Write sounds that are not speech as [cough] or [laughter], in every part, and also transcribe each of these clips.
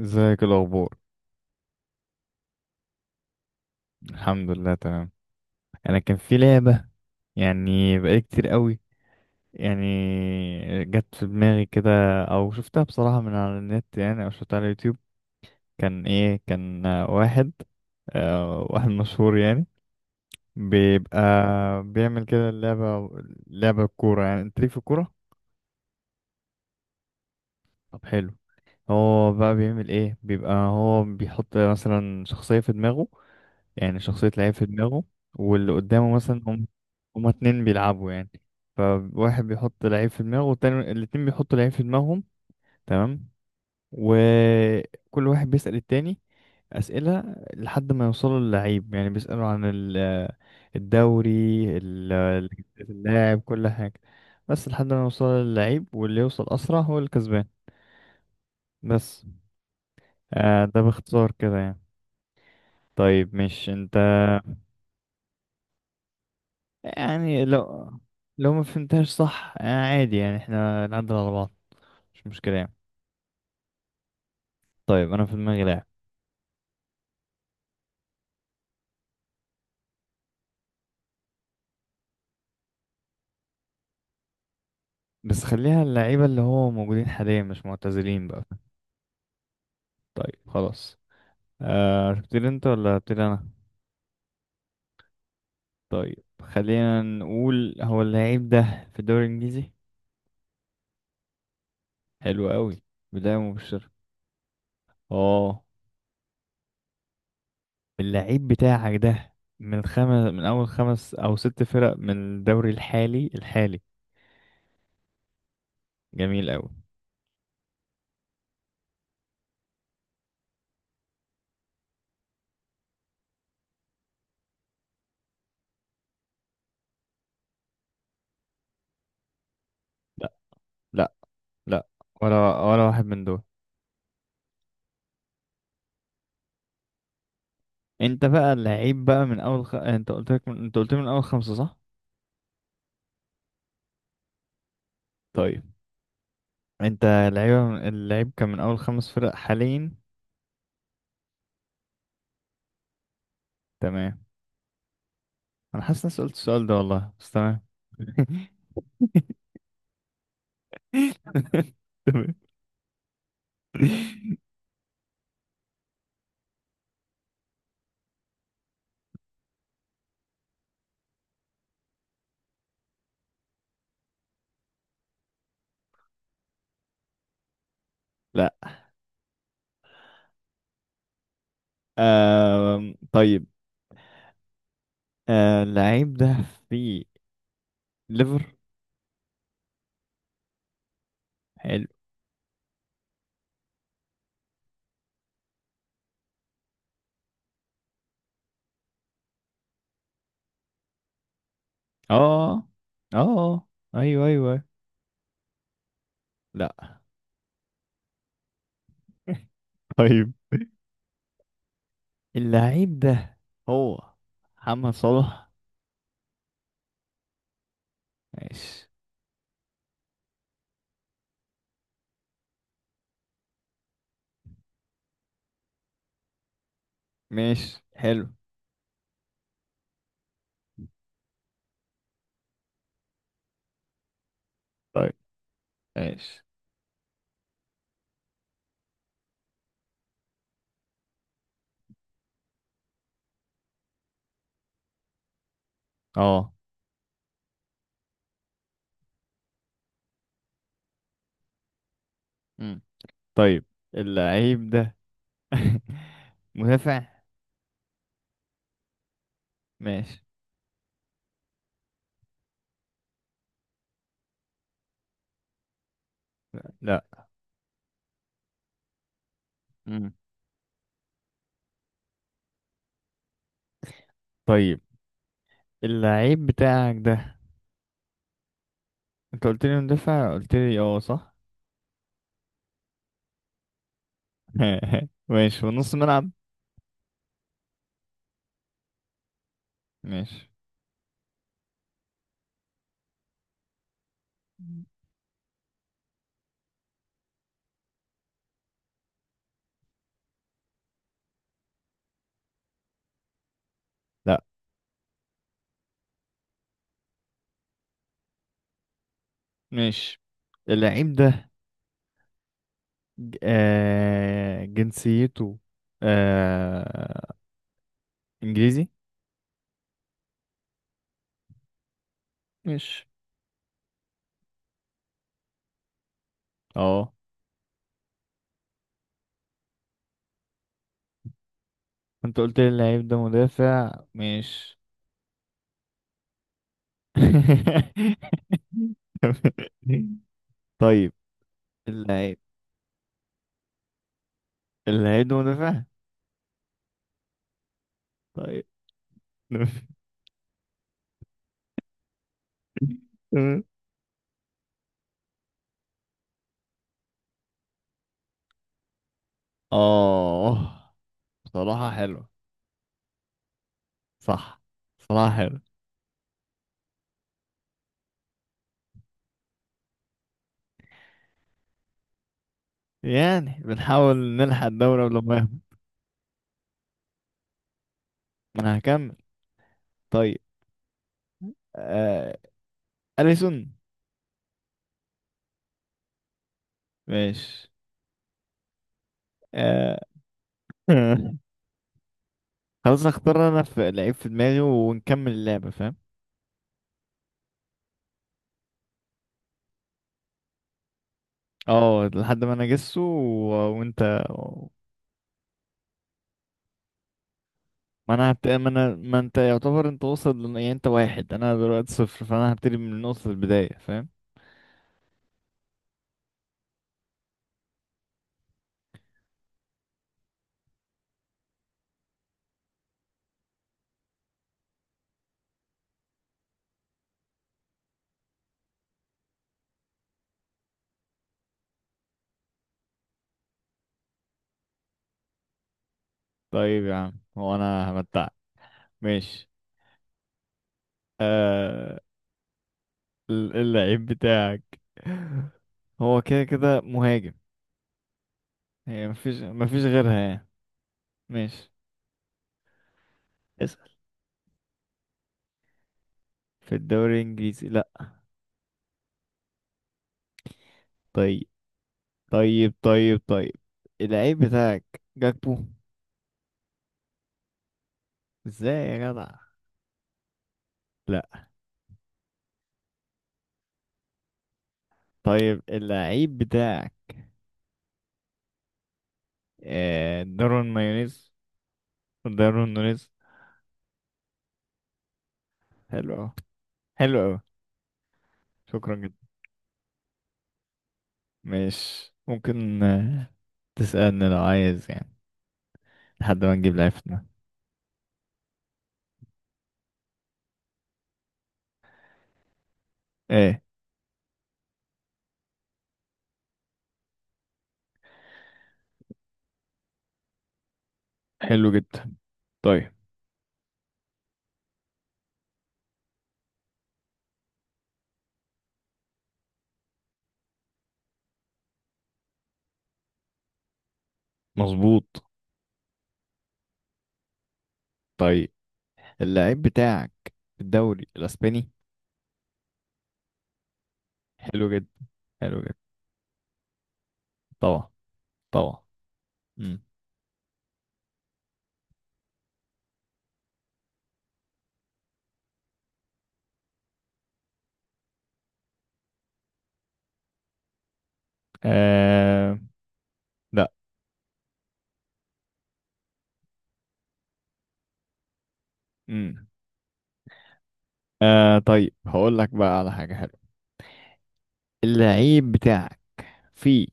ازيك الاخبار؟ الحمد لله، تمام. انا كان في لعبه، يعني بقالي كتير قوي، يعني جت في دماغي كده، او شفتها بصراحه من على النت، يعني او شفتها على اليوتيوب. كان واحد واحد مشهور، يعني بيبقى بيعمل كده اللعبه. لعبه كوره، يعني انت ليك في الكوره. طب حلو. هو بقى بيعمل ايه؟ بيبقى هو بيحط مثلا شخصيه في دماغه، يعني شخصية لعيب في دماغه. واللي قدامه مثلا هما اتنين بيلعبوا، يعني فواحد بيحط لعيب في دماغه والتاني الاتنين بيحطوا لعيب في دماغهم. تمام. وكل واحد بيسأل التاني أسئلة لحد ما يوصلوا للعيب، يعني بيسألوا عن الدوري، جنسية اللاعب، كل حاجة. بس لحد ما يوصلوا للعيب، واللي يوصل أسرع هو الكسبان، بس. آه، ده باختصار كده يعني. طيب، مش انت، يعني لو ما فهمتهاش صح، عادي، يعني احنا نعدل على بعض. مش مشكلة يعني. طيب، انا في دماغي لاعب، بس خليها اللعيبة اللي هو موجودين حاليا مش معتزلين بقى. طيب خلاص. آه، تبتدي انت ولا ابتدي انا؟ طيب، خلينا نقول هو اللعيب ده في الدوري الانجليزي. حلو قوي، بداية مبشرة. اه، اللعيب بتاعك ده من اول خمس او ست فرق من الدوري الحالي. جميل قوي. لا، لا، لا، ولا واحد من دول. انت بقى لعيب بقى من اول انت قلت لي من اول خمسة، صح؟ طيب، انت، لعيبة اللعيب كان من اول خمس فرق حاليا. تمام. انا حاسس اني سألت السؤال ده والله، بس تمام. [laughs] تمام. لا. طيب، اللعيب ده في ليفر. حلو. اه، اه، ايوه، ايوه، أيوه. لا. طيب، اللعيب ده هو محمد صلاح. ماشي. ماشي، حلو. طيب، ماشي، اه. مم. طيب، اللعيب ده [laughs] مدافع. ماشي. لا. مم. طيب، اللعيب بتاعك ده انت قلت لي مدافع، قلت لي اه، صح. [laughs] ماشي، في نص ملعب. ماشي. لا. ماشي. اللعيب ده جنسيته، آه انجليزي. ماشي، اه. انت قلت لي اللعيب ده مدافع، ماشي. [laughs] [laughs] طيب، اللعيب اللعيب ده مدافع. طيب. [laughs] تمام. اه، صراحة حلوة. صح، صراحة حلوة. يعني بنحاول نلحق الدورة، ولو مهم. ما انا هكمل. طيب، آه... أليسون. ماشي. آه... [laughs] خلاص، اختار انا في لعيب في دماغي ونكمل اللعبة، فاهم؟ اه، لحد ما انا اجسه وانت. ما انا هبت... ما انا ما انت يعتبر انت واصل يعني انت واحد، انا دلوقتي صفر، فانا هبتدي من نقطة البداية، فاهم؟ طيب يا عم، هو انا همتعك. ماشي. آه... اللعيب بتاعك [laughs] هو كده كده مهاجم، هي مفيش مفيش غيرها يعني. ماشي، اسأل. في الدوري الانجليزي؟ لا. طيب، طيب، طيب، طيب، اللعيب بتاعك جاكبو؟ ازاي يا جدع؟ لا. طيب، اللعيب بتاعك دارون مايونيز، دارون نونيز. حلو أوي، حلو أوي. شكرا جدا. ماشي، ممكن تسألني لو عايز، يعني لحد ما نجيب لعيب في دماغي. ايه؟ حلو جدا. طيب. مظبوط. طيب، اللعيب بتاعك في الدوري الأسباني. حلو جدا. حلو جدا. طبعا، طبعا. مم. آه... لا. مم. طيب، هقول لك بقى على حاجة حلوة. اللعيب بتاعك في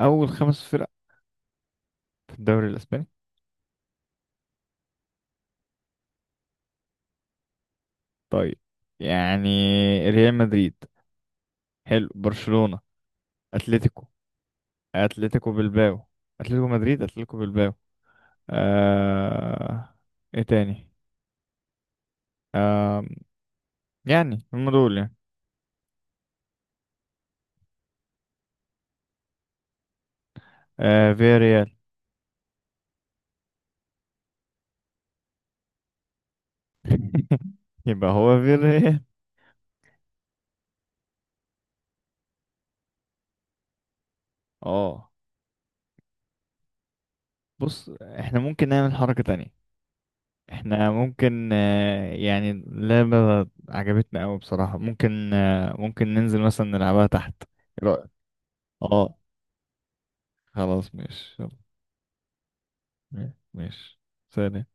أول خمس فرق في الدوري الأسباني. طيب، يعني ريال مدريد، حلو، برشلونة، اتلتيكو، اتلتيكو بلباو، اتلتيكو مدريد، اتلتيكو بلباو، آه... ايه تاني؟ يعني هم دول، يعني. فياريال. [laughs] يبقى هو فياريال. اه، بص، احنا ممكن نعمل حركة تانية. احنا ممكن، يعني اللعبة عجبتنا قوي بصراحة. ممكن ننزل مثلا نلعبها تحت. ايه رأيك؟ اه، خلاص ماشي. يلا، ماشي، سلام.